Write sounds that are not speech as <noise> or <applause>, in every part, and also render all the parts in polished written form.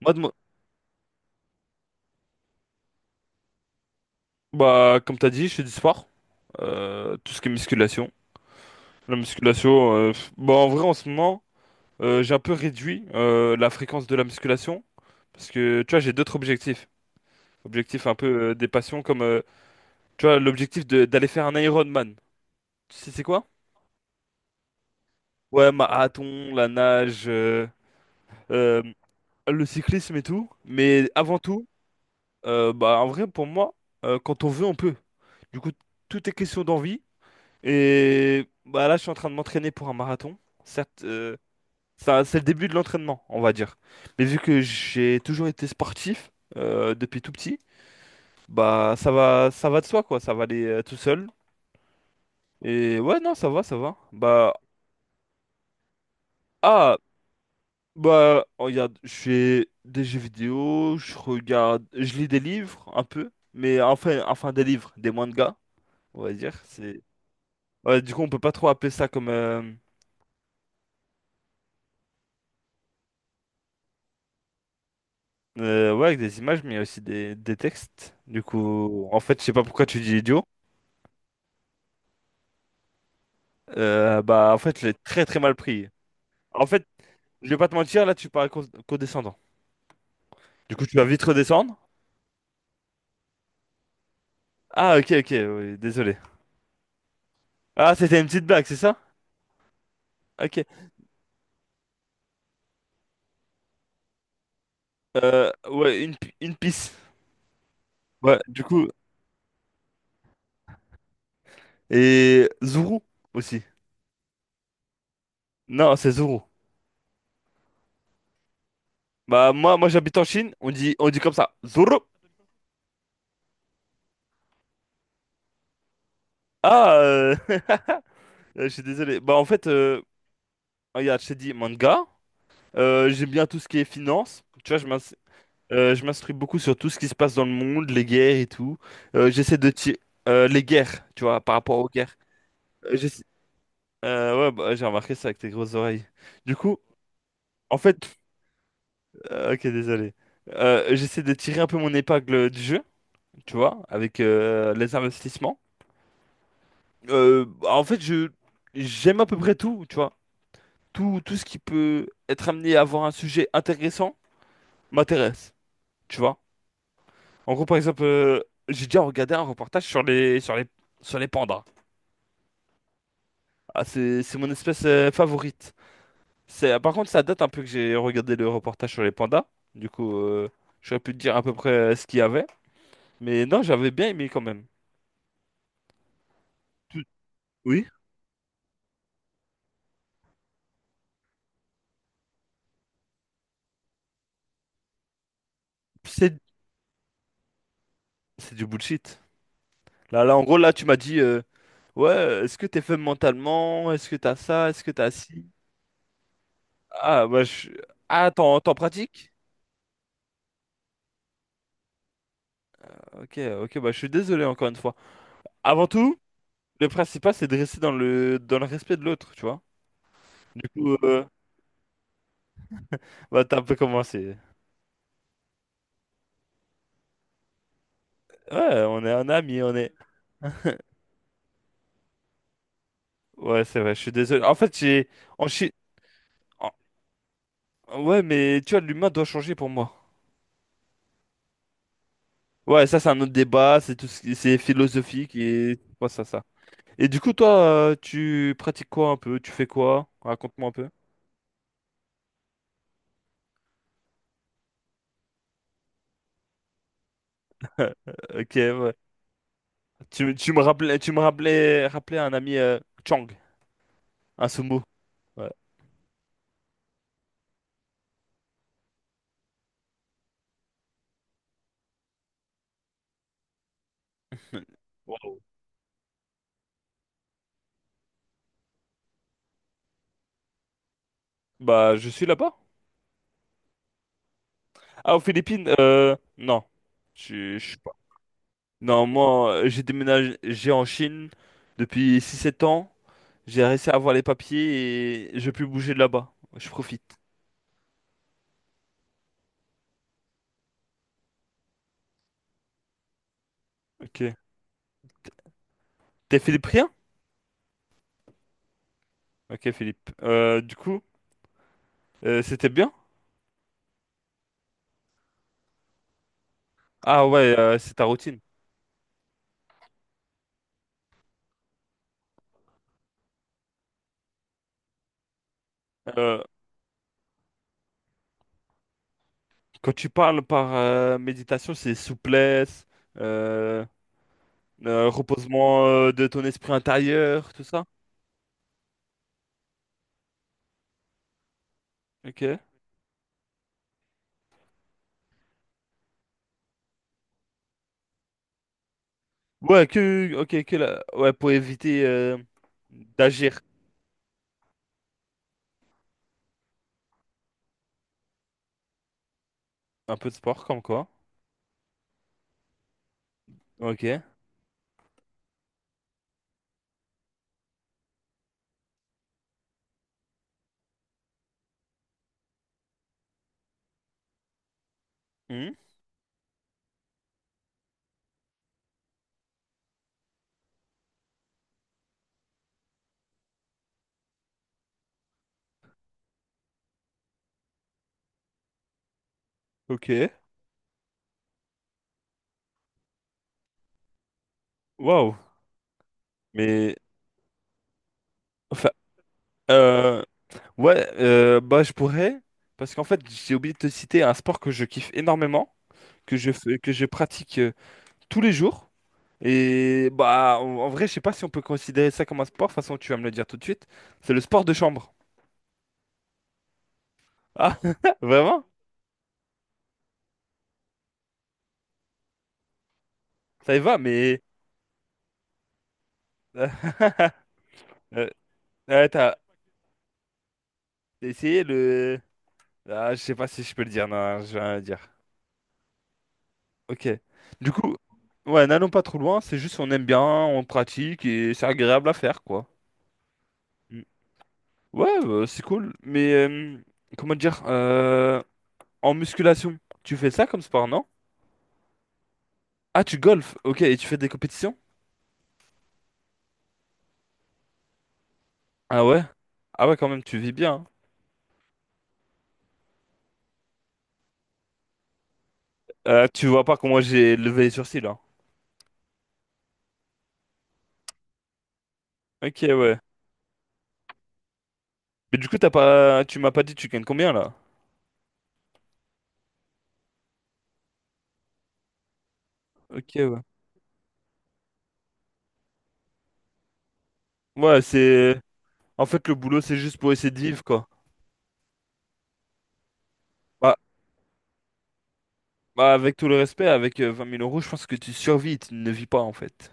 Moi, bah, comme t'as dit, je fais du sport. Tout ce qui est musculation. La musculation, bah, en vrai, en ce moment, j'ai un peu réduit la fréquence de la musculation. Parce que, tu vois, j'ai d'autres objectifs. Objectifs un peu des passions, comme, tu vois, l'objectif d'aller faire un Ironman. Tu sais, c'est quoi? Ouais, marathon, la nage, euh, le cyclisme et tout. Mais avant tout, bah, en vrai, pour moi, quand on veut, on peut. Du coup, tout est question d'envie. Et bah là, je suis en train de m'entraîner pour un marathon. Certes, ça, c'est le début de l'entraînement, on va dire. Mais vu que j'ai toujours été sportif depuis tout petit, bah ça va de soi quoi. Ça va aller tout seul. Et ouais, non, ça va, ça va. Bah ah bah oh, regarde, je fais des jeux vidéo, je regarde, je lis des livres un peu, mais enfin, des livres, des mangas, on va dire. C'est ouais, du coup, on peut pas trop appeler ça comme ouais, avec des images, mais il y a aussi des, textes. Du coup, en fait, je sais pas pourquoi tu dis idiot. Bah, en fait, je l'ai très très mal pris. En fait, je vais pas te mentir, là, tu parles condescendant. Du coup, tu vas vite redescendre. Ah, ok, ok, oui, désolé. Ah, c'était une petite blague, c'est ça? Ok. Ouais, une pisse. Ouais, du coup. Et Zuru aussi. Non, c'est Zuru. Bah, moi j'habite en Chine, on dit comme ça. Zuru. Ah, <laughs> je suis désolé. Bah, en fait, regarde, je t'ai dit manga. J'aime bien tout ce qui est finance. Tu vois, je m'instruis beaucoup sur tout ce qui se passe dans le monde, les guerres et tout. J'essaie de tirer les guerres, tu vois, par rapport aux guerres. Euh, j'essa- ouais, bah, j'ai remarqué ça avec tes grosses oreilles. Du coup, en fait, ok, désolé. J'essaie de tirer un peu mon épingle du jeu, tu vois, avec les investissements. Bah, en fait, je j'aime à peu près tout, tu vois. Tout ce qui peut être amené à avoir un sujet intéressant m'intéresse, tu vois. En gros, par exemple, j'ai déjà regardé un reportage sur les pandas. Ah, c'est mon espèce favorite. C'est, par contre, ça date un peu que j'ai regardé le reportage sur les pandas. Du coup, j'aurais pu te dire à peu près ce qu'il y avait. Mais non, j'avais bien aimé quand même. Tout- Oui? C'est, c'est du bullshit. Là, là, en gros, là, tu m'as dit, ouais, est-ce que t'es faible mentalement? Est-ce que t'as ça? Est-ce que t'as ci? Ah, bah, je. Ah, t'en pratiques? Ok, ok, bah, je suis désolé encore une fois. Avant tout. Le principal, c'est de rester dans le respect de l'autre, tu vois. Du coup, bah, t'as un peu commencé. Ouais, on est un ami, on est. Ouais, c'est vrai, je suis désolé. En fait, j'ai. En chi- en- Ouais, mais tu vois, l'humain doit changer pour moi. Ouais, ça, c'est un autre débat, c'est tout ce qui- c'est philosophique et. Ouais, ça, ça. Et du coup, toi, tu pratiques quoi un peu? Tu fais quoi? Raconte-moi un peu. Ok, ouais. Tu me rappelais, rappelais un ami Chang, un sumo. Ouais. <laughs> Wow. Bah, je suis là-bas. Ah, aux Philippines, non. Je suis pas. Non, moi, j'ai déménagé j'ai en Chine depuis six sept ans. J'ai réussi à avoir les papiers et je peux bouger de là-bas. Je profite. Ok. T'es philippien? Ok, Philippe. Du coup, c'était bien? Ah ouais, c'est ta routine. Euh, Quand tu parles par méditation, c'est souplesse, euh, reposement de ton esprit intérieur, tout ça. Ok. Ouais, que, ok, ouais, pour éviter d'agir. Un peu de sport, comme quoi. Ok. Hmm. Ok. Waouh. Mais, enfin, euh, ouais, bah, je pourrais, parce qu'en fait, j'ai oublié de te citer un sport que je kiffe énormément, que je fais, que je pratique tous les jours. Et, bah, en vrai, je sais pas si on peut considérer ça comme un sport, de toute façon, tu vas me le dire tout de suite. C'est le sport de chambre. Ah, <laughs> vraiment? Ça y va, mais. <laughs> Euh, t'as essayé le. Ah, je sais pas si je peux le dire, non, je vais rien dire. Ok. Du coup, ouais, n'allons pas trop loin, c'est juste on aime bien, on pratique et c'est agréable à faire, quoi. Mm. Ouais, bah, c'est cool, mais comment dire, en musculation, tu fais ça comme sport, non? Ah, tu golfes, ok, et tu fais des compétitions? Ah ouais? Ah ouais, quand même, tu vis bien, hein. Tu vois pas comment j'ai levé les sourcils, là. Ok, ouais. Mais du coup, t'as pas, tu m'as pas dit tu gagnes combien, là? Ok, ouais. Ouais, c'est, en fait, le boulot, c'est juste pour essayer de vivre, quoi. Bah, Bah, avec tout le respect, avec 20 000 euros, je pense que tu survis, tu ne vis pas en fait.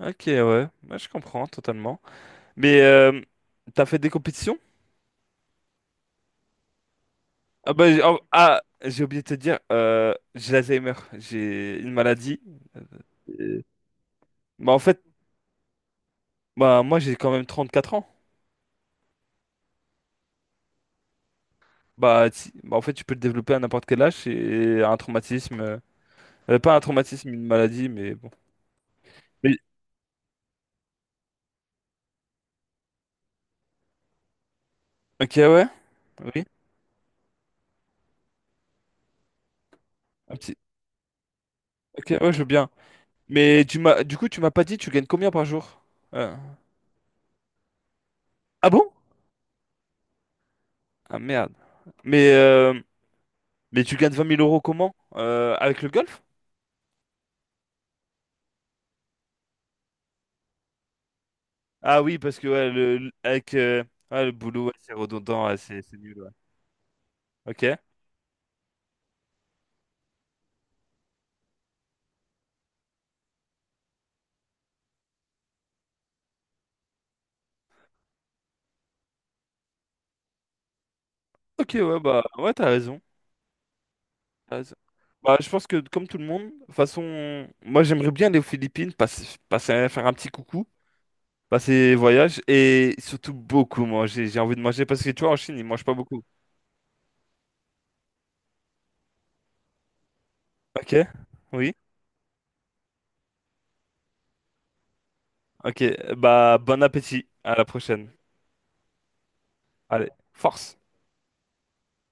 Ok, ouais, bah, je comprends totalement. Mais t'as fait des compétitions? Ah bah, j'ai oh, ah, j'ai oublié de te dire, j'ai l'Alzheimer, j'ai une maladie. Euh, Bah en fait, bah moi j'ai quand même 34 ans. Bah, bah, en fait, tu peux le développer à n'importe quel âge et un traumatisme, pas un traumatisme, une maladie, mais bon. Oui. Ok, ouais, oui. Un petit. Ok, ouais, je veux bien. Mais tu m'as, du coup, tu m'as pas dit, tu gagnes combien par jour? Euh, Ah bon? Ah merde. Mais, euh, mais tu gagnes 20 000 euros comment? Avec le golf? Ah oui, parce que ouais, avec, ouais, le boulot, ouais, c'est redondant, ouais, c'est nul, ouais. Ok. Ok, ouais, bah ouais, t'as raison. T'as raison. Bah, je pense que comme tout le monde, de toute façon, moi j'aimerais bien aller aux Philippines, passer, faire un petit coucou, passer voyage et surtout beaucoup manger. J'ai envie de manger parce que tu vois, en Chine, ils mangent pas beaucoup. Ok? Oui? Ok, bah bon appétit, à la prochaine. Allez, force!